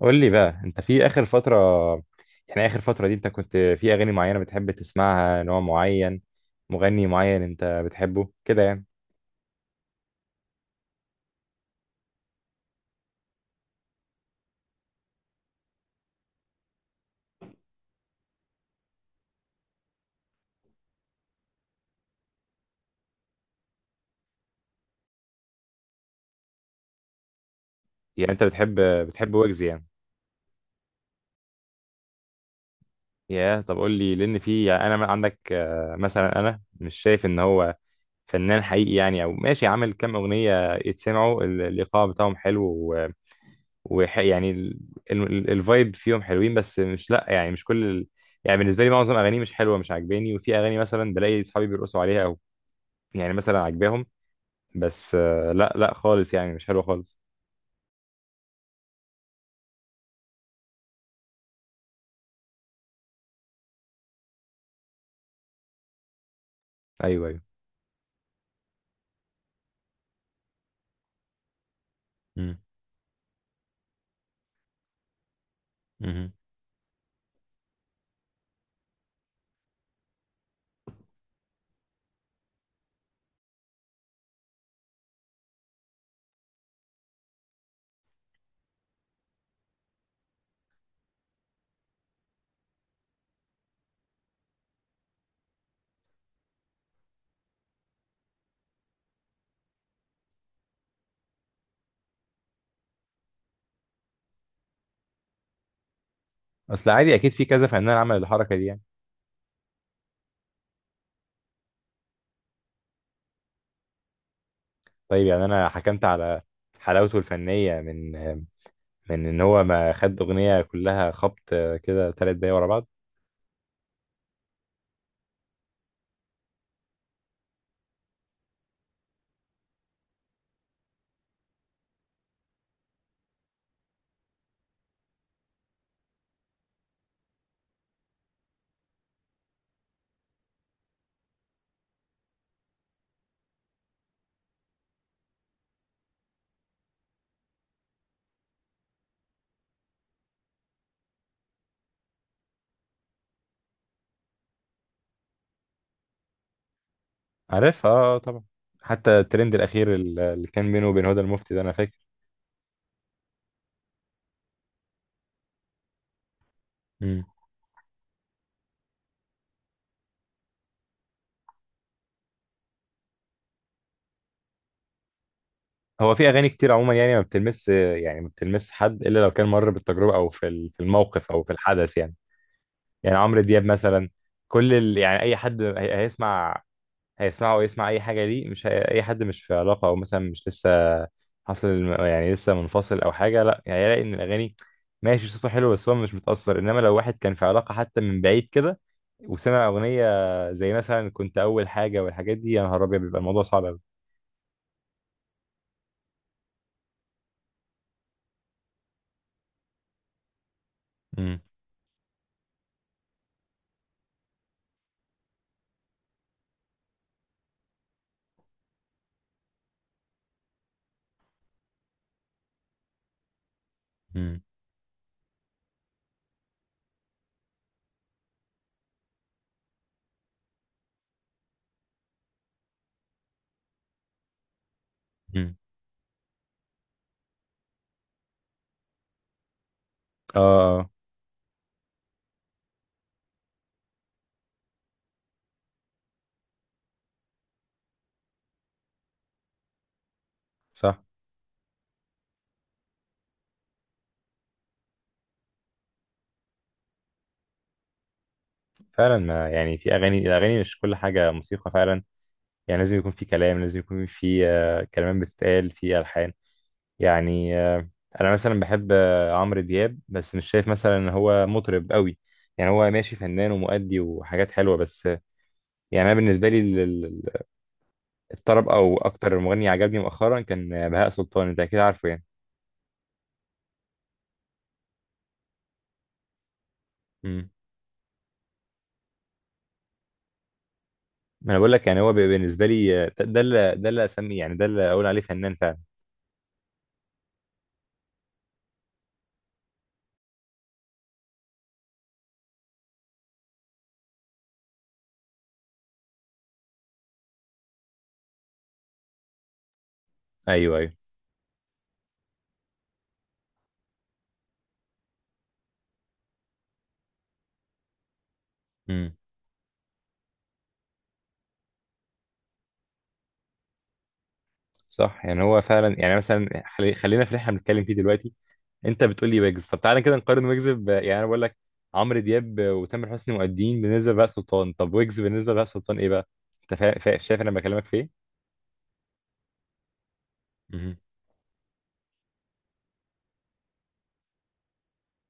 قول لي بقى، انت في اخر فترة، يعني اخر فترة دي انت كنت في اغاني معينة بتحب تسمعها؟ نوع معين، مغني معين انت بتحبه كده يعني؟ يعني انت بتحب ويجز يعني؟ يا طب قول لي، لان في يعني انا من عندك مثلا انا مش شايف ان هو فنان حقيقي، يعني او ماشي، عامل كام اغنية يتسمعوا الايقاع بتاعهم حلو ويعني الفايب فيهم حلوين، بس مش، لا يعني مش كل يعني بالنسبة لي معظم اغانيه مش حلوة، مش عاجباني، وفي اغاني مثلا بلاقي اصحابي بيرقصوا عليها، يعني مثلا عجباهم، بس لا لا خالص، يعني مش حلوه خالص. ايوه ايوه. مم. مم. اصل عادي، اكيد في كذا فنان عمل الحركه دي يعني. طيب يعني انا حكمت على حلاوته الفنيه من ان هو ما خد اغنيه كلها خبط كده، 3 دقايق ورا بعض. عارفها اه. طبعا. حتى الترند الاخير اللي كان بينه وبين هدى المفتي ده، انا فاكر. مم. هو في اغاني كتير عموما يعني ما بتلمس، يعني ما بتلمس حد الا لو كان مر بالتجربه او في في الموقف او في الحدث يعني. يعني عمرو دياب مثلا، كل يعني اي حد هيسمع هيسمعه ويسمع اي حاجه ليه. مش اي حد مش في علاقه، او مثلا مش لسه حاصل يعني لسه منفصل او حاجه، لا يعني هيلاقي ان الاغاني ماشي، صوته حلو، بس هو مش متاثر. انما لو واحد كان في علاقه حتى من بعيد كده، وسمع اغنيه زي مثلا كنت اول حاجه والحاجات دي، يا نهار ابيض، بيبقى الموضوع صعب قوي. امم امم اه. صح. فعلا ما يعني في اغاني، الاغاني مش كل حاجه موسيقى فعلا. يعني لازم يكون في كلام، لازم يكون في كلمات بتتقال في ألحان يعني. أنا مثلا بحب عمرو دياب، بس مش شايف مثلا إن هو مطرب قوي. يعني هو ماشي، فنان ومؤدي وحاجات حلوة، بس يعني أنا بالنسبة لي الطرب، أو أكتر مغني عجبني مؤخرا كان بهاء سلطان، أنت أكيد عارفه يعني. مم. ما أنا بقول لك، يعني هو بالنسبة لي ده اللي أسميه، يعني ده اللي أقول عليه فنان فعلا. أيوه أيوه. مم. صح، يعني هو فعلا يعني، مثلا خلينا في اللي احنا بنتكلم فيه دلوقتي. انت بتقول لي ويجز، طب تعالى كده نقارن ويجز يعني انا بقول لك عمرو دياب وتامر حسني مؤدين بالنسبه لبهاء سلطان، طب ويجز بالنسبه لبهاء سلطان ايه بقى؟ انت شايف انا بكلمك في ايه. مهم.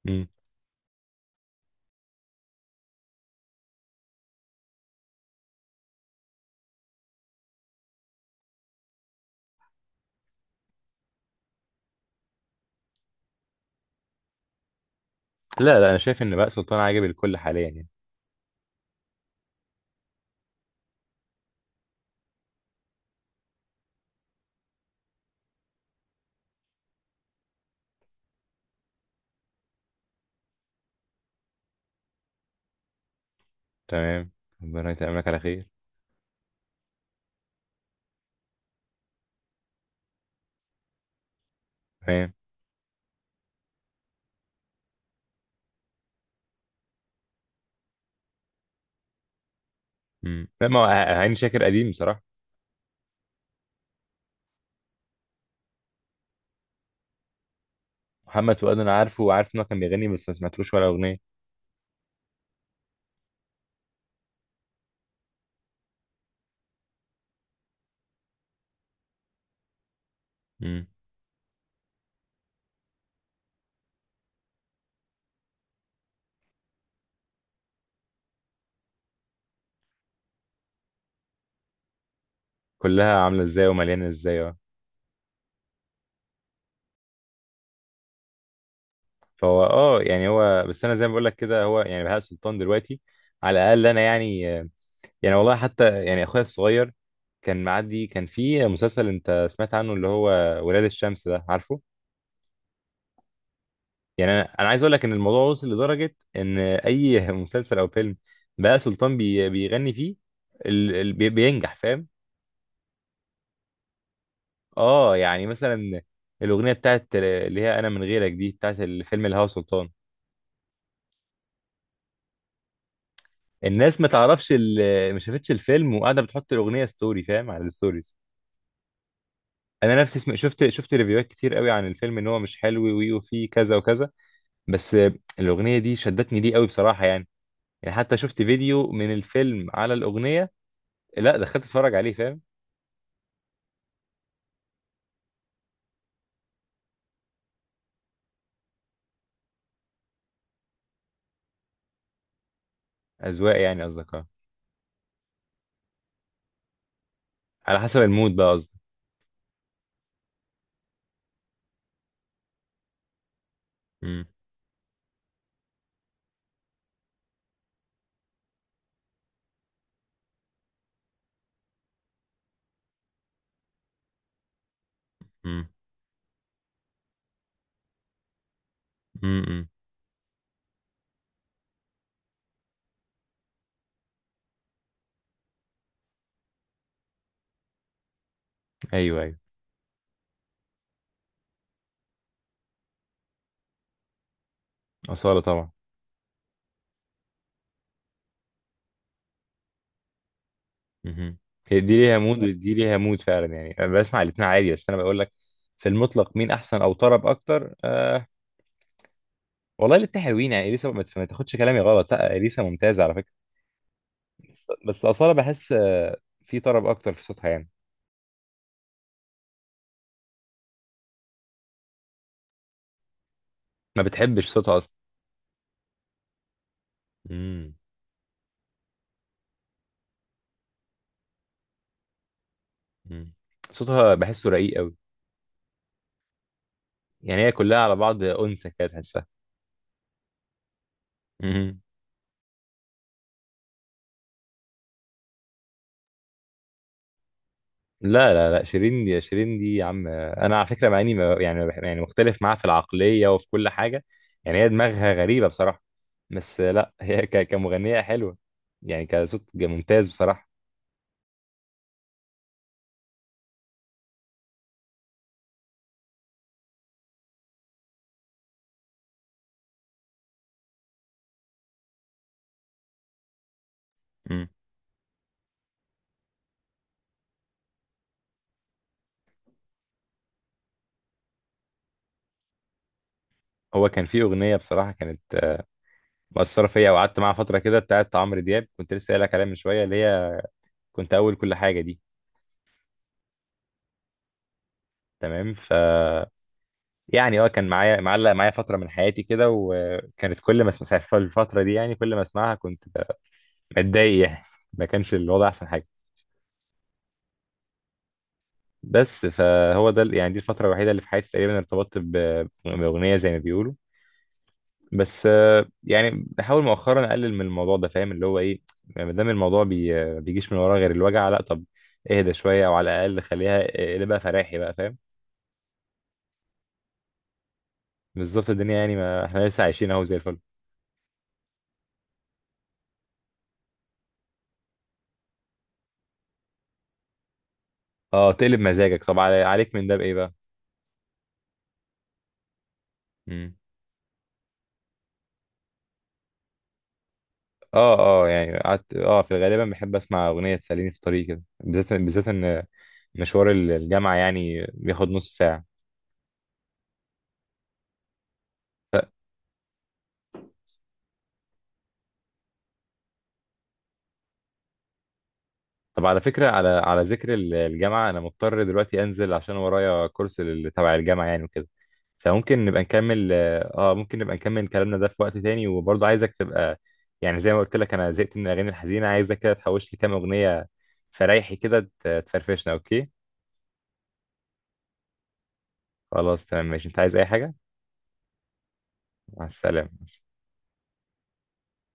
مم. لا لا، انا شايف ان بهاء سلطان عاجب الكل حاليا يعني. تمام. ربنا يتأملك على خير. تمام. مم. لا ما هو عين شاكر قديم بصراحه. محمد فؤاد انا عارفه وعارف ان هو كان بيغني، بس ما سمعتلوش ولا اغنيه. مم. كلها عامله ازاي، ومليانه ازاي، اه. فهو اه، يعني هو، بس انا زي ما بقول لك كده، هو يعني بهاء سلطان دلوقتي على الاقل، انا يعني، والله حتى يعني اخويا الصغير كان معدي، كان في مسلسل انت سمعت عنه، اللي هو ولاد الشمس ده، عارفه. يعني انا عايز اقول لك ان الموضوع وصل لدرجه ان اي مسلسل او فيلم بقى سلطان بيغني فيه بينجح، فاهم. اه، يعني مثلا الاغنيه بتاعت اللي هي انا من غيرك دي، بتاعت الفيلم الهوى سلطان. الناس ما تعرفش، ما شافتش الفيلم، وقاعده بتحط الاغنيه ستوري، فاهم، على الستوريز. انا نفسي شفت ريفيوهات كتير قوي عن الفيلم ان هو مش حلو، وفيه كذا وكذا. بس الأغنية دي شدتني ليه قوي بصراحة يعني، حتى شفت فيديو من الفيلم على الأغنية. لا، دخلت اتفرج عليه، فاهم. أذواق يعني قصدك، اه. على حسب المود بقى قصدك. امم امم امم ايوه ايوه. أصالة طبعا. امم هي دي ليها مود ودي ليها مود فعلا، يعني انا بسمع الاتنين عادي. بس انا بقول لك في المطلق مين احسن او طرب اكتر، والله الاتنين حلوين يعني. اليسا ما تاخدش كلامي غلط، لا اليسا ممتازة على فكرة. بس أصالة بحس في طرب اكتر في صوتها يعني. ما بتحبش صوتها اصلا. مم. مم. صوتها بحسه رقيق قوي. يعني هي كلها على بعض انثى كده تحسها. مم. لا لا لا، شيرين دي شيرين دي يا عم، انا على فكره، مع اني يعني ما بح- يعني مختلف معاها في العقليه وفي كل حاجه. يعني هي دماغها غريبه بصراحه، بس لا، هي كمغنيه حلوه. يعني كصوت ممتاز بصراحه. مم. هو كان في اغنيه بصراحه كانت مؤثره فيا، وقعدت معاها فتره كده، بتاعت عمرو دياب، كنت لسه قايل لك عليها من شويه، اللي هي كنت اول كل حاجه دي. تمام. يعني اه كان معايا، معلق معايا فترة من حياتي كده، وكانت كل ما اسمع في الفترة دي، يعني كل ما اسمعها كنت متضايق يعني، ما كانش الوضع أحسن حاجة. بس فهو ده يعني دي الفترة الوحيدة اللي في حياتي تقريبا ارتبطت بأغنية، زي ما بيقولوا. بس يعني بحاول مؤخرا أقلل من الموضوع ده، فاهم اللي هو إيه. ما دام الموضوع ما بيجيش من وراه غير الوجع، لا طب اهدى شوية أو على الأقل خليها، اقلبها فراحي بقى، فاهم. بالظبط الدنيا، يعني ما احنا لسه عايشين أهو زي الفل. اه تقلب مزاجك، طب عليك من ده بإيه بقى؟ اه اه، يعني قعدت في غالبا بحب اسمع اغنيه تسليني في طريقي كده، بالذات بالذات ان مشوار الجامعه يعني بياخد نص ساعه. طب على فكره، على ذكر الجامعه، انا مضطر دلوقتي انزل عشان ورايا كورس تبع الجامعه يعني وكده، فممكن نبقى نكمل اه ممكن نبقى نكمل كلامنا ده في وقت تاني، وبرضه عايزك تبقى يعني زي ما قلت لك، انا زهقت من الاغاني الحزينه، عايزك كده تحوش لي كام اغنيه فريحي كده تفرفشنا، اوكي. خلاص تمام، ماشي. انت عايز اي حاجه؟ مع السلامه.